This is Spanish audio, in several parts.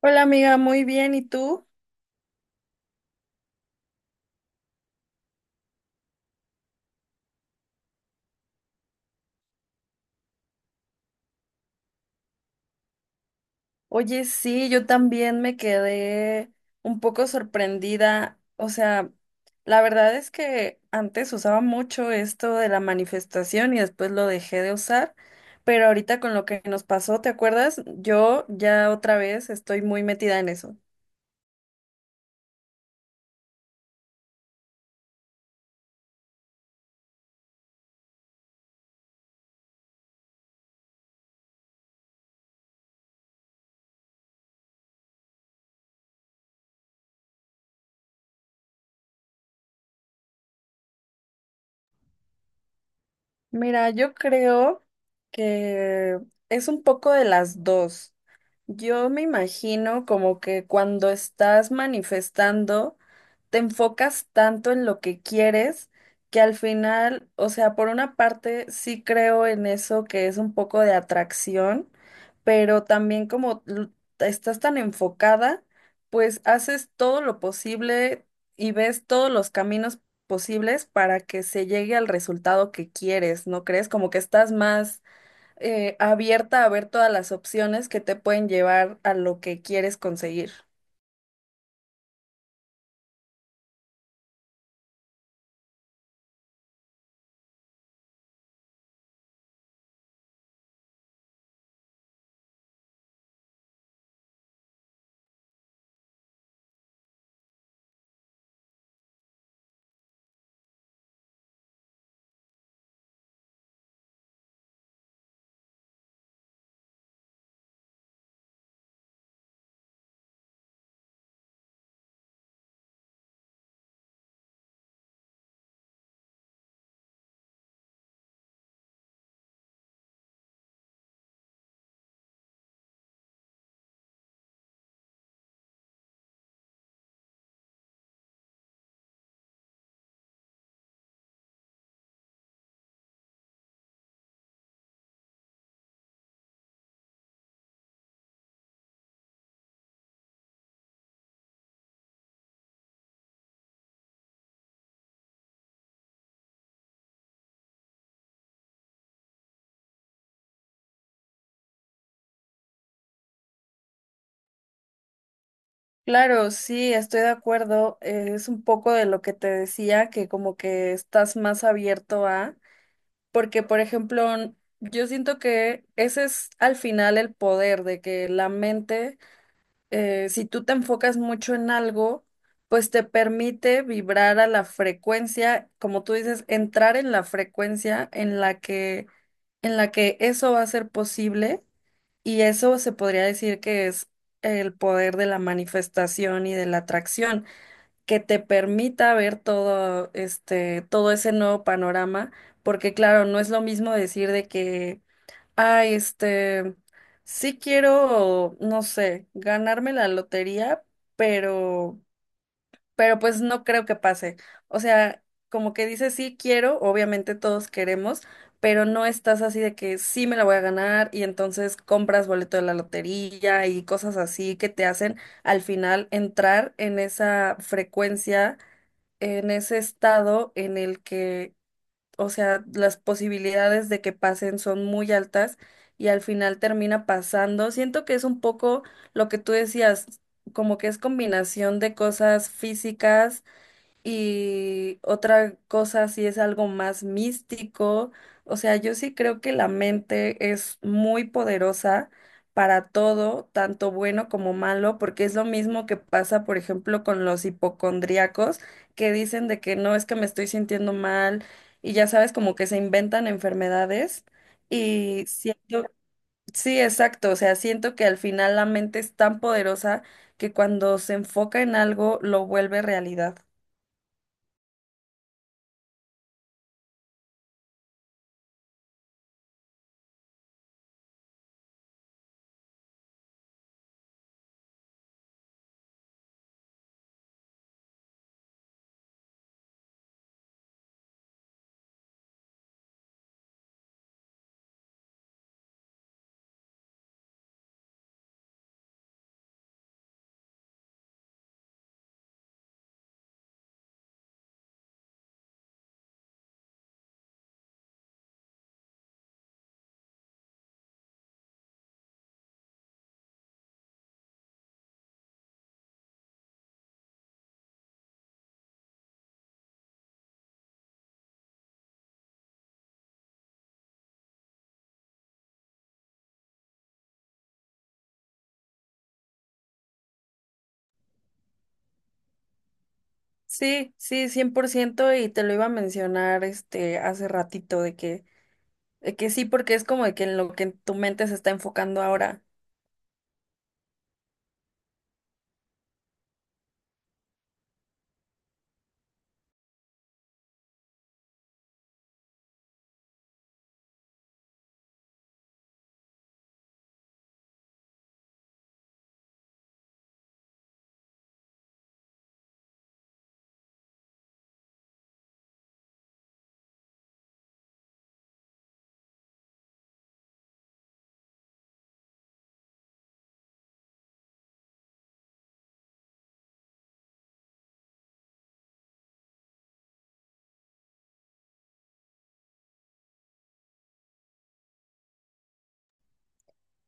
Hola amiga, muy bien. ¿Y tú? Oye, sí, yo también me quedé un poco sorprendida. O sea, la verdad es que antes usaba mucho esto de la manifestación y después lo dejé de usar, pero ahorita con lo que nos pasó, ¿te acuerdas? Yo ya otra vez estoy muy metida en eso. Mira, yo creo que es un poco de las dos. Yo me imagino como que cuando estás manifestando, te enfocas tanto en lo que quieres que al final, o sea, por una parte sí creo en eso que es un poco de atracción, pero también como estás tan enfocada, pues haces todo lo posible y ves todos los caminos posibles para que se llegue al resultado que quieres, ¿no crees? Como que estás más abierta a ver todas las opciones que te pueden llevar a lo que quieres conseguir. Claro, sí, estoy de acuerdo. Es un poco de lo que te decía, que como que estás más abierto a, porque por ejemplo, yo siento que ese es al final el poder de que la mente si tú te enfocas mucho en algo, pues te permite vibrar a la frecuencia, como tú dices, entrar en la frecuencia en la que eso va a ser posible, y eso se podría decir que es el poder de la manifestación y de la atracción, que te permita ver todo este, todo ese nuevo panorama, porque claro, no es lo mismo decir de que ay, este, sí quiero, no sé, ganarme la lotería, pero, pues no creo que pase. O sea, como que dice sí quiero, obviamente todos queremos, pero no estás así de que sí me la voy a ganar y entonces compras boleto de la lotería y cosas así que te hacen al final entrar en esa frecuencia, en ese estado en el que, o sea, las posibilidades de que pasen son muy altas y al final termina pasando. Siento que es un poco lo que tú decías, como que es combinación de cosas físicas y otra cosa, si es algo más místico. O sea, yo sí creo que la mente es muy poderosa para todo, tanto bueno como malo, porque es lo mismo que pasa, por ejemplo, con los hipocondríacos, que dicen de que no, es que me estoy sintiendo mal, y ya sabes, como que se inventan enfermedades. Y siento, sí, exacto, o sea, siento que al final la mente es tan poderosa que cuando se enfoca en algo lo vuelve realidad. Sí, sí, 100%, y te lo iba a mencionar este hace ratito de que sí, porque es como de que en lo que tu mente se está enfocando ahora.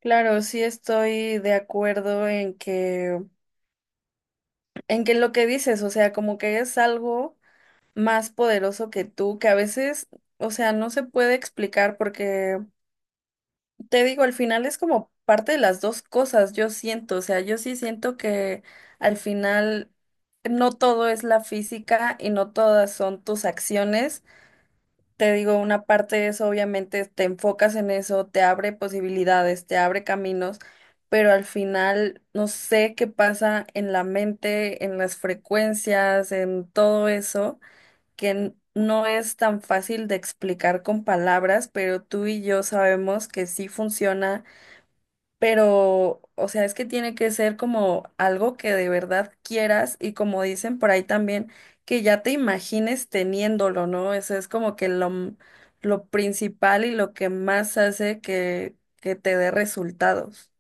Claro, sí, estoy de acuerdo en que lo que dices. O sea, como que es algo más poderoso que tú, que a veces, o sea, no se puede explicar porque, te digo, al final es como parte de las dos cosas. Yo siento, o sea, yo sí siento que al final no todo es la física y no todas son tus acciones. Te digo, una parte es obviamente te enfocas en eso, te abre posibilidades, te abre caminos, pero al final no sé qué pasa en la mente, en las frecuencias, en todo eso, que no es tan fácil de explicar con palabras, pero tú y yo sabemos que sí funciona. Pero, o sea, es que tiene que ser como algo que de verdad quieras, y como dicen por ahí también, que ya te imagines teniéndolo, ¿no? Eso es como que lo, lo principal y lo que más hace que te dé resultados.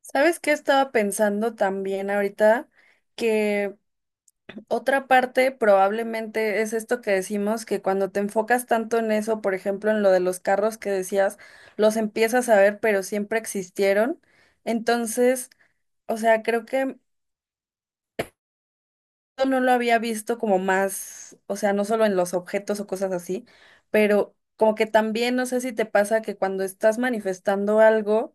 ¿Sabes qué estaba pensando también ahorita? Otra parte probablemente es esto que decimos, que cuando te enfocas tanto en eso, por ejemplo, en lo de los carros que decías, los empiezas a ver, pero siempre existieron. Entonces, o sea, creo que yo no lo había visto como más, o sea, no solo en los objetos o cosas así, pero como que también, no sé si te pasa que cuando estás manifestando algo,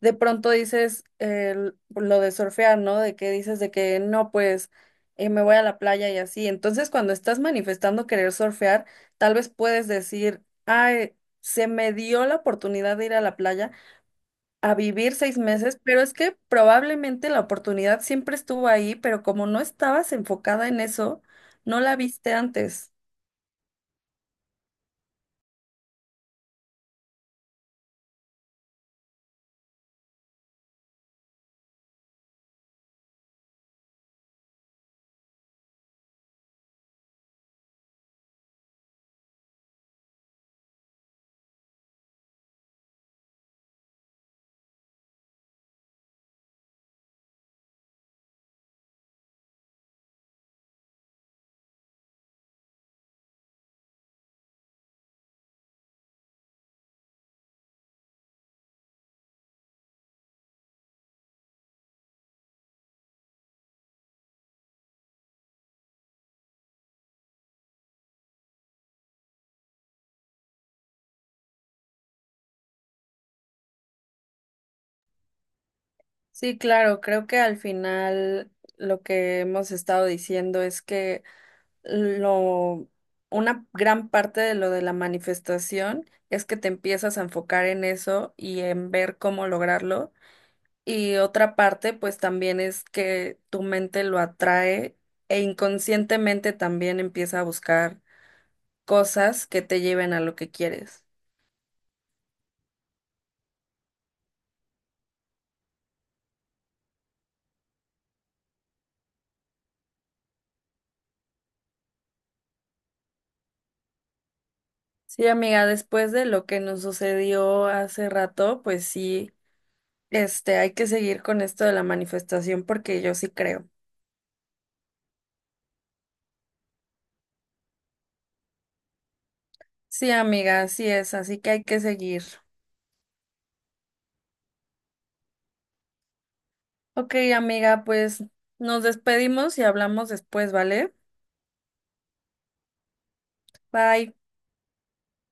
de pronto dices lo de surfear, ¿no? De que dices de que no, pues me voy a la playa y así. Entonces, cuando estás manifestando querer surfear, tal vez puedes decir, ay, se me dio la oportunidad de ir a la playa a vivir 6 meses, pero es que probablemente la oportunidad siempre estuvo ahí, pero como no estabas enfocada en eso, no la viste antes. Sí, claro, creo que al final lo que hemos estado diciendo es que lo, una gran parte de lo de la manifestación es que te empiezas a enfocar en eso y en ver cómo lograrlo. Y otra parte, pues también es que tu mente lo atrae e inconscientemente también empieza a buscar cosas que te lleven a lo que quieres. Sí, amiga, después de lo que nos sucedió hace rato, pues sí, este, hay que seguir con esto de la manifestación porque yo sí creo. Sí, amiga, así es, así que hay que seguir. Ok, amiga, pues nos despedimos y hablamos después, ¿vale? Bye.